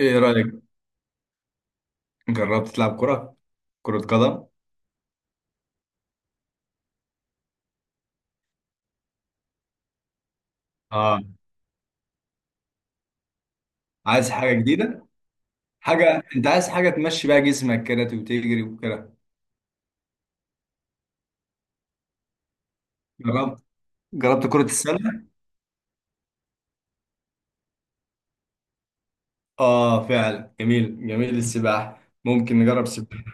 ايه رأيك؟ جربت تلعب كرة؟ كرة قدم؟ اه. عايز حاجة جديدة. انت عايز حاجة تمشي بقى جسمك كده وتجري وكده. جربت جربت كرة السلة؟ اه فعلا، جميل جميل. السباحة ممكن نجرب سباحة.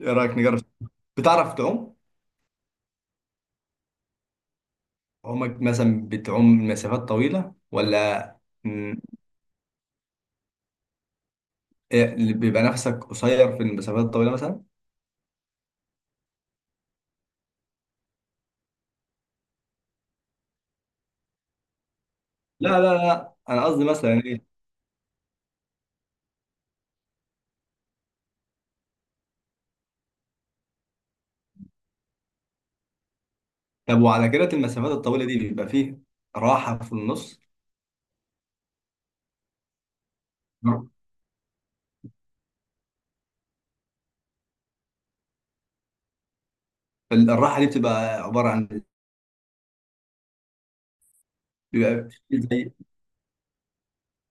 ايه رأيك نجرب؟ بتعرف تعوم؟ عمرك مثلا بتعوم مسافات طويلة ولا؟ مم. إيه اللي بيبقى نفسك قصير في المسافات الطويلة مثلا؟ لا لا لا، انا قصدي مثلا ايه. طب وعلى كده المسافات الطويلة دي بيبقى فيه راحة في النص؟ الراحه دي بتبقى عباره عن، بيبقى في زي.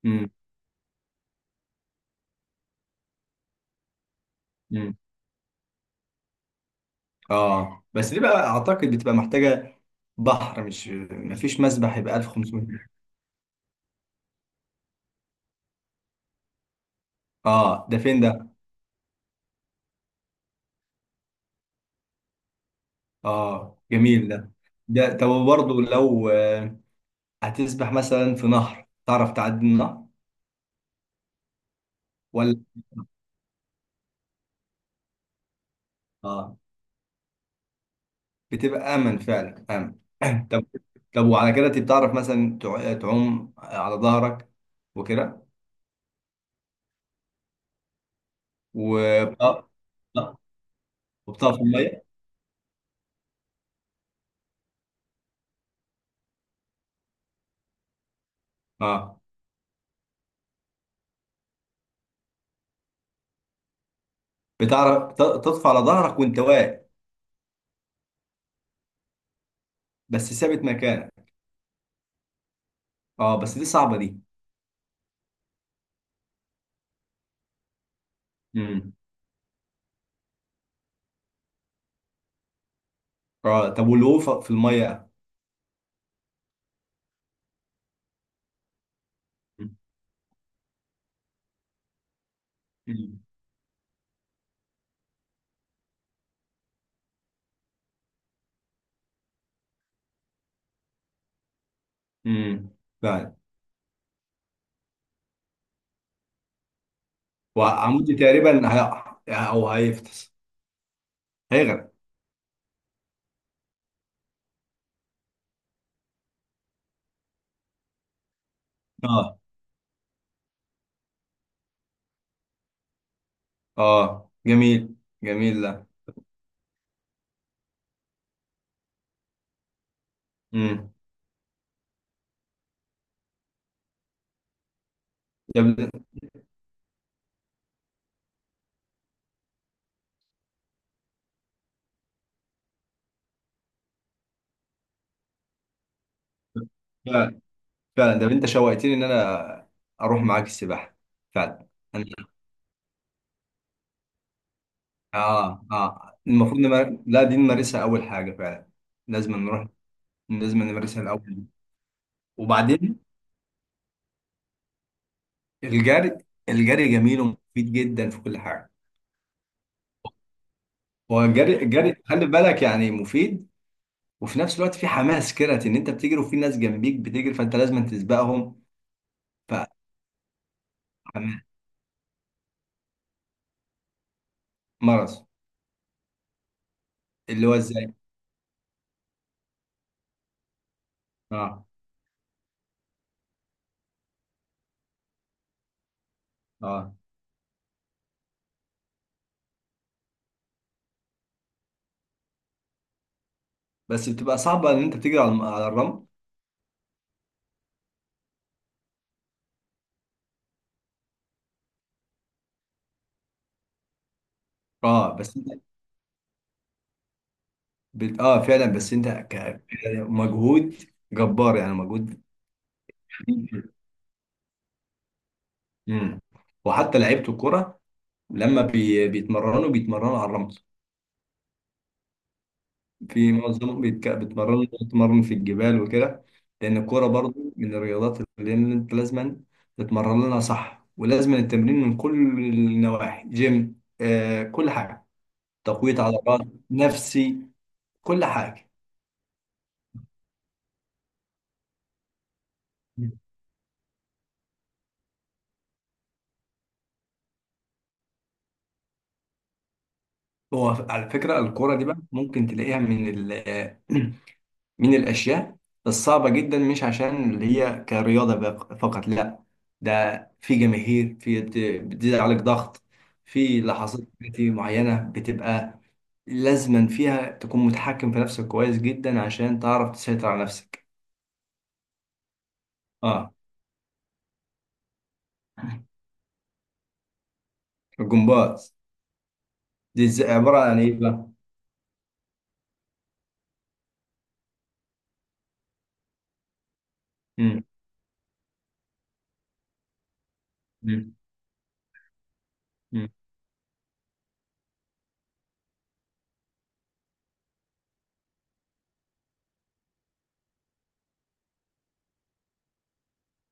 مم. مم. اه بس دي بقى اعتقد بتبقى محتاجه بحر، مش مفيش مسبح يبقى 1500. اه ده فين ده؟ اه جميل ده. ده طب برضه لو هتسبح مثلا في نهر، تعرف تعدي النهر ولا؟ اه بتبقى امن، فعلا امن. طب، طب وعلى كده انت بتعرف مثلا تعوم على ظهرك وكده؟ و اه. آه. وبتقف في الميه؟ اه بتعرف تطفى على ظهرك وانت واقف بس ثابت مكانك؟ اه بس دي صعبه دي. امم اه طب، والوقوف في الميه؟ امم امم فعلا. وعمودي تقريبا هي. او هيفطس. هيغرق. اه اه جميل، جميل ده. امم يا ابني، فعلا فعلا. ده انت شوقتني ان انا اروح معاك السباحه فعلا. انا اه اه المفروض لا، دي نمارسها اول حاجه فعلا. لازم نروح، لازم نمارسها الاول. وبعدين الجري الجري جميل ومفيد جدا في كل حاجه. هو الجري خلي بالك يعني مفيد، وفي نفس الوقت في حماس كده ان انت بتجري وفي ناس جنبيك بتجري فانت لازم تسبقهم. فحماس مرض. اللي هو ازاي؟ اه اه بس بتبقى صعبه ان انت بتجري على على الرمل. اه بس انت اه فعلا، بس انت مجهود جبار، يعني مجهود. امم وحتى لعيبه الكره لما بيتمرنوا على الرمل، في معظمهم بيتمرنوا في الجبال وكده. لأن الكورة برضو من الرياضات اللي أنت لازما تتمرن لها، صح؟ ولازما التمرين من كل النواحي، جيم كل حاجة، تقوية عضلات، نفسي، كل حاجة. مم. هو على فكرة الكورة دي بقى ممكن تلاقيها من ال من الأشياء الصعبة جدا، مش عشان اللي هي كرياضة فقط، لا. ده في جماهير، في بتزيد عليك ضغط في لحظات كتير معينة، بتبقى لازما فيها تكون متحكم في نفسك كويس جدا عشان تعرف تسيطر على نفسك. اه. الجمباز؟ دي عبارة عن ايه بقى؟ مم. مم. مم.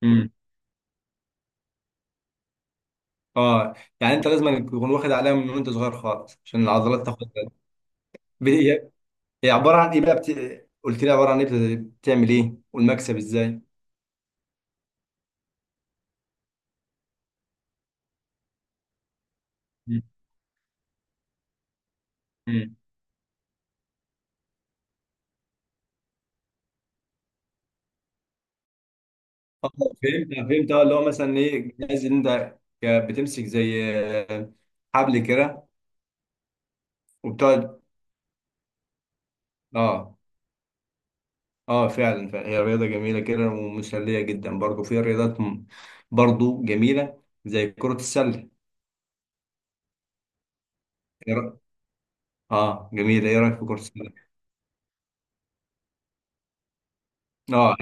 مم. اه، يعني انت لازم تكون واخد عليها من وانت صغير خالص عشان العضلات تاخد بالها. هي عباره عن ايه بقى قلت لي عباره عن ايه بتعمل ايه والمكسب ازاي؟ مم. مم. اه فهمت اه، اللي هو مثلا ايه الجهاز اللي انت بتمسك، زي آه، حبل كده وبتقعد. اه اه فعلا فعلا. هي رياضه جميله كده ومسليه جدا. برضه في رياضات برضه جميله زي كره السله. إيه رأ- اه جميله. ايه رايك في كره السله؟ اه.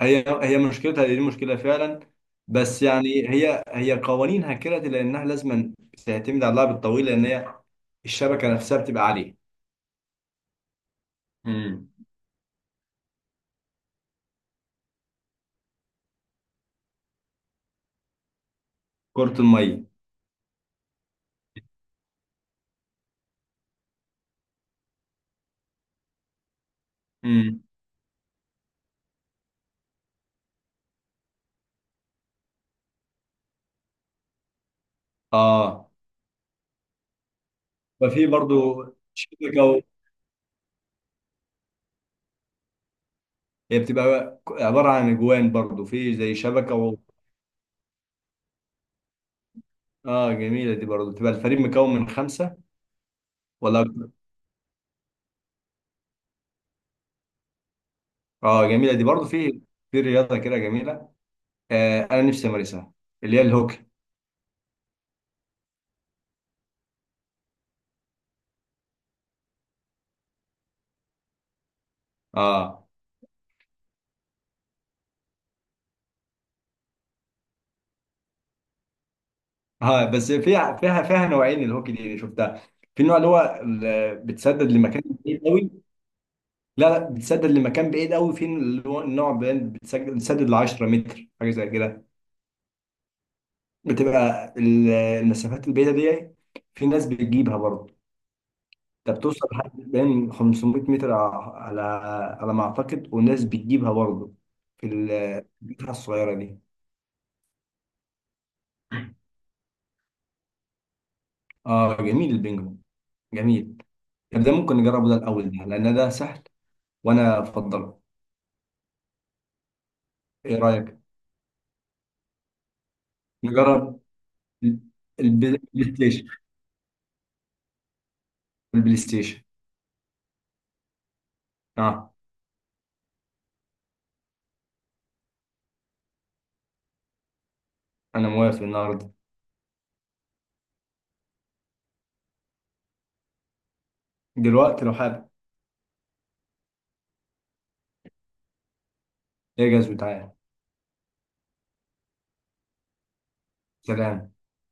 هي مشكلتها دي مشكلة فعلا. بس يعني هي قوانينها كده لأنها لازما تعتمد على اللعب الطويل، لأن هي الشبكة نفسها بتبقى عالية. امم كرة المية. امم اه ففي برضو شبكة و. هي بتبقى عبارة عن أجوان برضو، في زي شبكة و. اه جميلة دي برضو. بتبقى الفريق مكون من خمسة ولا أكتر؟ اه جميلة دي برضو. في رياضة كده جميلة، آه أنا نفسي أمارسها، اللي هي الهوكي. اه اه بس فيها فيها نوعين. الهوكي دي اللي شفتها، في النوع اللي هو بتسدد لمكان بعيد قوي. لا لا، بتسدد لمكان بعيد قوي، في اللي هو النوع بتسدد ل 10 متر حاجه زي كده. بتبقى المسافات البعيده دي، في ناس بتجيبها برضه. انت بتوصل لحد بين 500 متر على ما اعتقد، والناس بتجيبها برضه في البتاعه الصغيره دي. اه جميل البينج بونج. جميل. طب ده ممكن نجربه ده الاول، ده لان ده سهل وانا افضله. ايه رايك نجرب؟ البلاي ستيشن. البلاي ستيشن. اه. انا موافق النهارده، دلوقتي لو حابب. اجهز وتعالى. سلام.